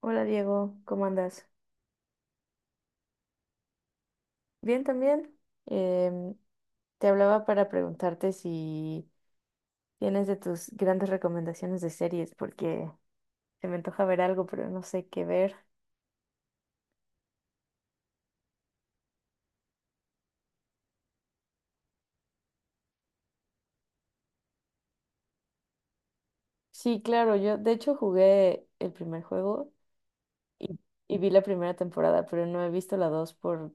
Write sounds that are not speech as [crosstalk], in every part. Hola Diego, ¿cómo andas? Bien también. Em, Te hablaba para preguntarte si tienes de tus grandes recomendaciones de series, porque se me antoja ver algo, pero no sé qué ver. Sí, claro, yo de hecho jugué el primer juego y, y vi la primera temporada, pero no he visto la dos,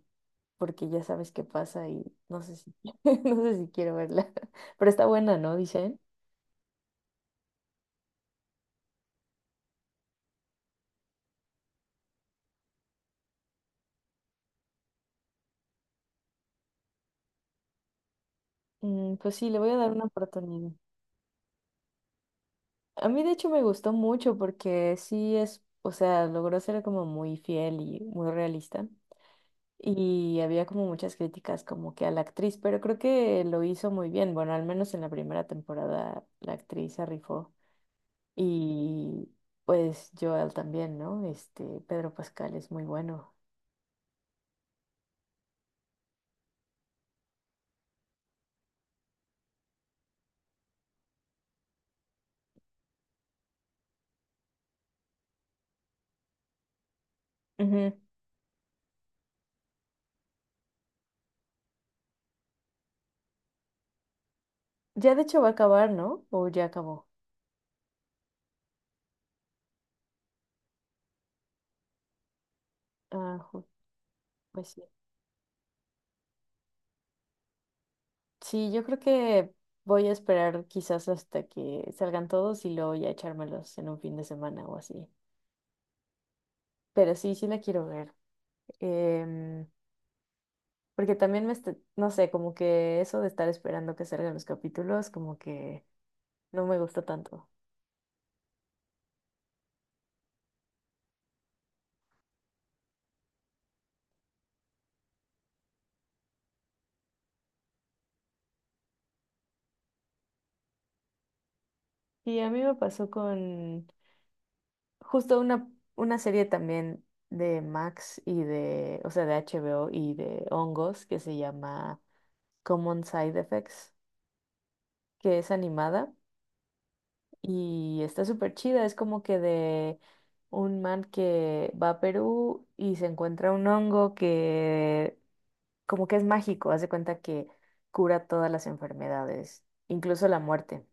porque ya sabes qué pasa y no sé si, [laughs] no sé si quiero verla. [laughs] Pero está buena, ¿no? Dicen. Mm, pues sí, le voy a dar una oportunidad. A mí de hecho me gustó mucho porque sí es, o sea, logró ser como muy fiel y muy realista. Y había como muchas críticas como que a la actriz, pero creo que lo hizo muy bien. Bueno, al menos en la primera temporada la actriz se rifó. Y pues Joel también, ¿no? Este, Pedro Pascal es muy bueno. Ujú. Ya de hecho va a acabar, ¿no? O ya acabó. Ah, ju- pues sí. Sí, yo creo que voy a esperar quizás hasta que salgan todos y luego ya echármelos en un fin de semana o así. Pero sí, sí la quiero ver. Em, Porque también no sé, como que eso de estar esperando que salgan los capítulos, como que no me gusta tanto. Y a mí me pasó con justo una serie también de Max y de, o sea, de HBO y de hongos que se llama Common Side Effects, que es animada. Y está súper chida, es como que de un man que va a Perú y se encuentra un hongo que como que es mágico, hace cuenta que cura todas las enfermedades, incluso la muerte.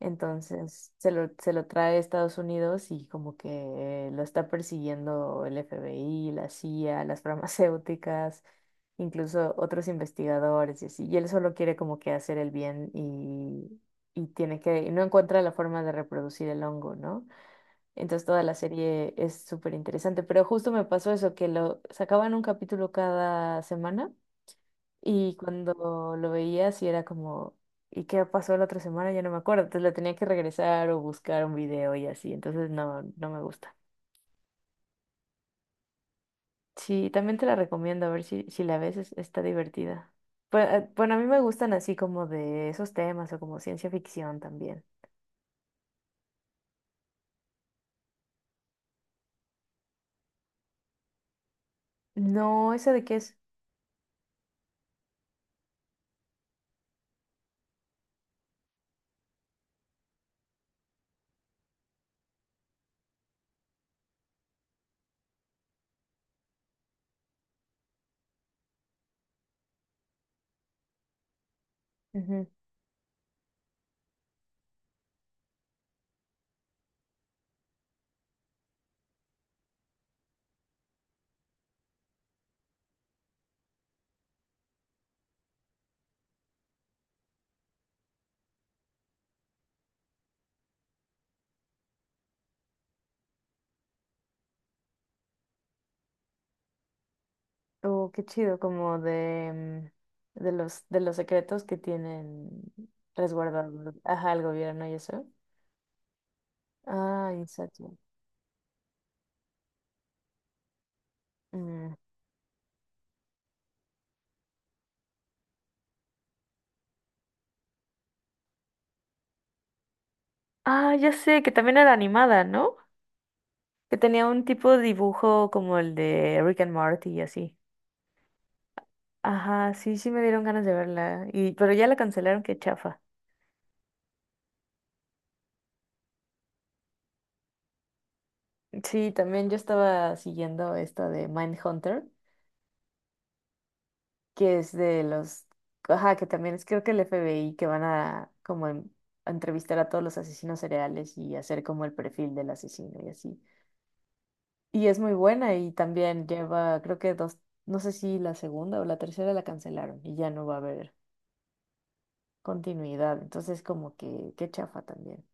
Entonces se lo trae a Estados Unidos y como que lo está persiguiendo el FBI, la CIA, las [laughs] farmacéuticas, incluso otros investigadores y así. Y él solo quiere como que hacer el bien y tiene que, y no encuentra la forma de reproducir el hongo, ¿no? Entonces toda la serie es súper interesante. Pero justo me pasó eso, que lo sacaban un capítulo cada semana y cuando lo veía, sí era como, ¿y qué pasó la otra semana? Ya no me acuerdo. Entonces le tenía que regresar o buscar un video y así. Entonces no, no me gusta. Sí, también te la recomiendo, a ver si, si la ves, está divertida. Pues, bueno, a mí me gustan así como de esos temas o como ciencia ficción también. No, ¿esa de qué es? Ujú. Oh, qué chido, como de, mm, de de los secretos que tienen resguardados, ajá, el gobierno y eso. Ah, exacto. Mm. Ah, ya sé, que también era animada, ¿no? Que tenía un tipo de dibujo como el de Rick and Morty y así. Ajá, sí, sí me dieron ganas de verla. Y, pero ya la cancelaron, qué chafa. Sí, también yo estaba siguiendo esta de Mindhunter, que es de los, ajá, que también es creo que el FBI que van a como a entrevistar a todos los asesinos cereales y hacer como el perfil del asesino y así. Y es muy buena y también lleva, creo que dos, no sé si la segunda o la tercera la cancelaron y ya no va a haber continuidad. Entonces, como que, qué chafa también.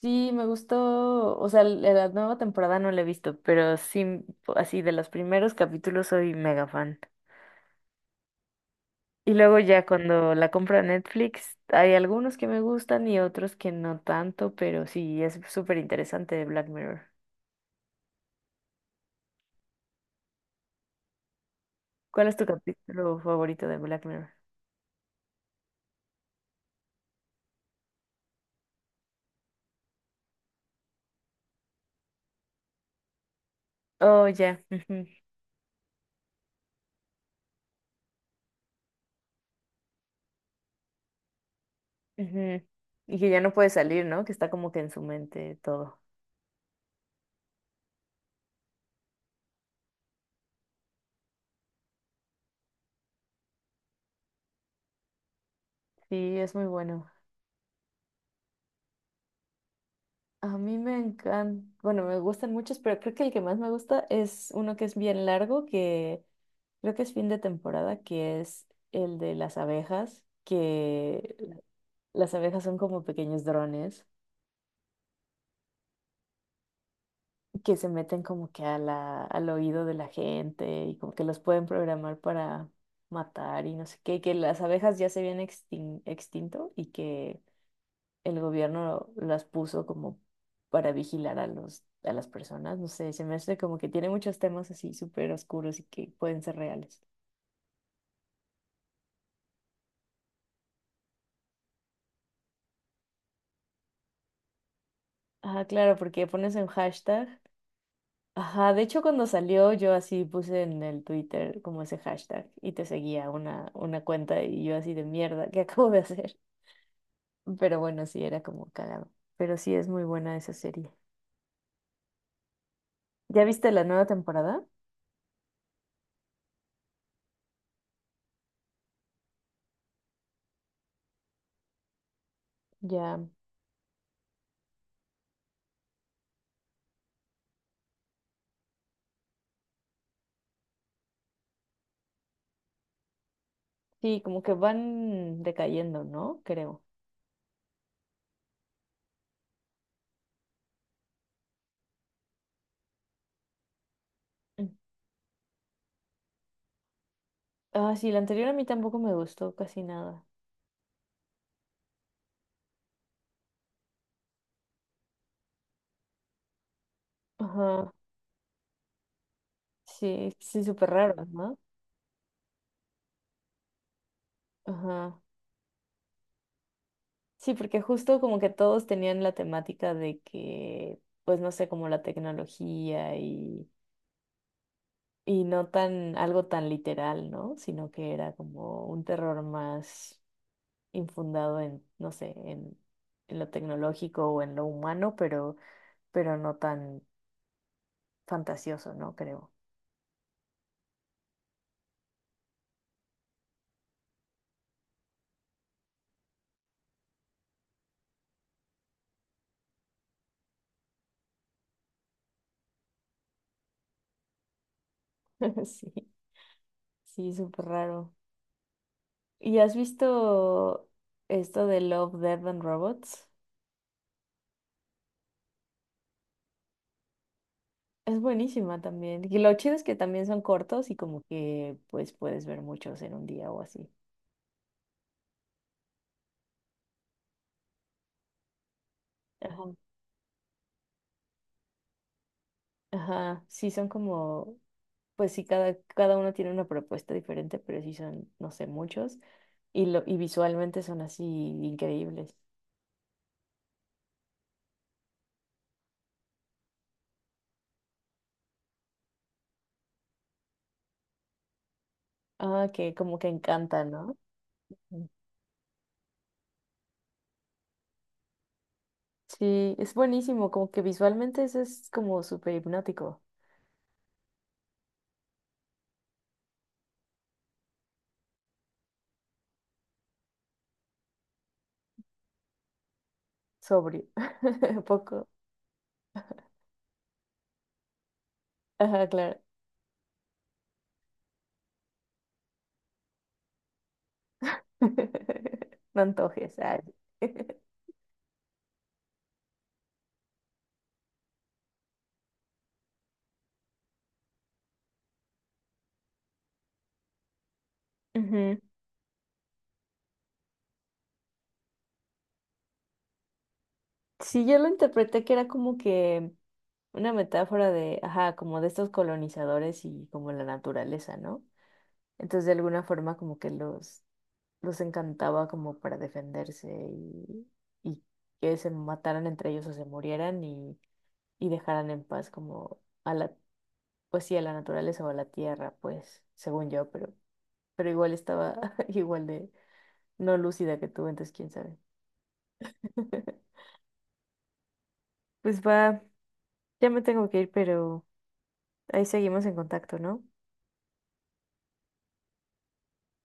Sí, me gustó, o sea, la nueva temporada no la he visto, pero sí, así de los primeros capítulos soy mega fan. Y luego ya cuando la compra Netflix, hay algunos que me gustan y otros que no tanto, pero sí, es súper interesante de Black Mirror. ¿Cuál es tu capítulo favorito de Black Mirror? Oh, ya. [laughs] ujú, ujú. Y que ya no puede salir, ¿no? Que está como que en su mente todo. Sí, es muy bueno. A mí me encantan, bueno, me gustan muchos, pero creo que el que más me gusta es uno que es bien largo, que creo que es fin de temporada, que es el de las abejas, que las abejas son como pequeños drones que se meten como que a al oído de la gente y como que los pueden programar para matar y no sé qué, y que las abejas ya se habían extinto y que el gobierno las puso como para vigilar a a las personas. No sé, se me hace como que tiene muchos temas así súper oscuros y que pueden ser reales. Ah, claro, porque pones un hashtag. Ajá, de hecho cuando salió yo así puse en el Twitter como ese hashtag y te seguía una cuenta y yo así de mierda, ¿qué [laughs] acabo de hacer? Pero bueno, sí, era como cagado. Pero sí es muy buena esa serie. ¿Ya viste la nueva temporada? Ya. Sí, como que van decayendo, ¿no? Creo. Ah, sí, la anterior a mí tampoco me gustó casi nada. Ajá, sí, sí, súper raro, ¿no? Ajá. Sí, porque justo como que todos tenían la temática de que, pues no sé, como la tecnología y no tan, algo tan literal, ¿no? Sino que era como un terror más infundado en, no sé, en lo tecnológico o en lo humano, pero no tan fantasioso, ¿no? Creo. [laughs] Sí, sí, súper raro. ¿Y has visto esto de Love, Death and Robots? Es buenísima también. Y lo chido es que también son cortos y como que pues puedes ver muchos en un día o así. Ajá. Ajá, sí son como, pues sí, cada uno tiene una propuesta diferente, pero sí son, no sé, muchos. Y, lo, y visualmente son así increíbles. Ah, que como que encanta, ¿no? Mm. Sí, es buenísimo, como que visualmente eso es como súper hipnótico, sobrio, [laughs] poco. Ajá, claro. [laughs] No antojes. Ay. [laughs] Ujú. Sí, yo lo interpreté que era como que una metáfora de, ajá, como de estos colonizadores y como la naturaleza, ¿no? Entonces, de alguna forma, como que los encantaba como para defenderse y que se mataran entre ellos o se murieran y dejaran en paz como a pues sí, a la naturaleza o a la tierra, pues, según yo, pero igual estaba [laughs] igual de no lúcida que tú, entonces, quién sabe. [laughs] Pues va, ya me tengo que ir, pero ahí seguimos en contacto, ¿no?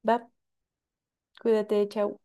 Va, cuídate, chao.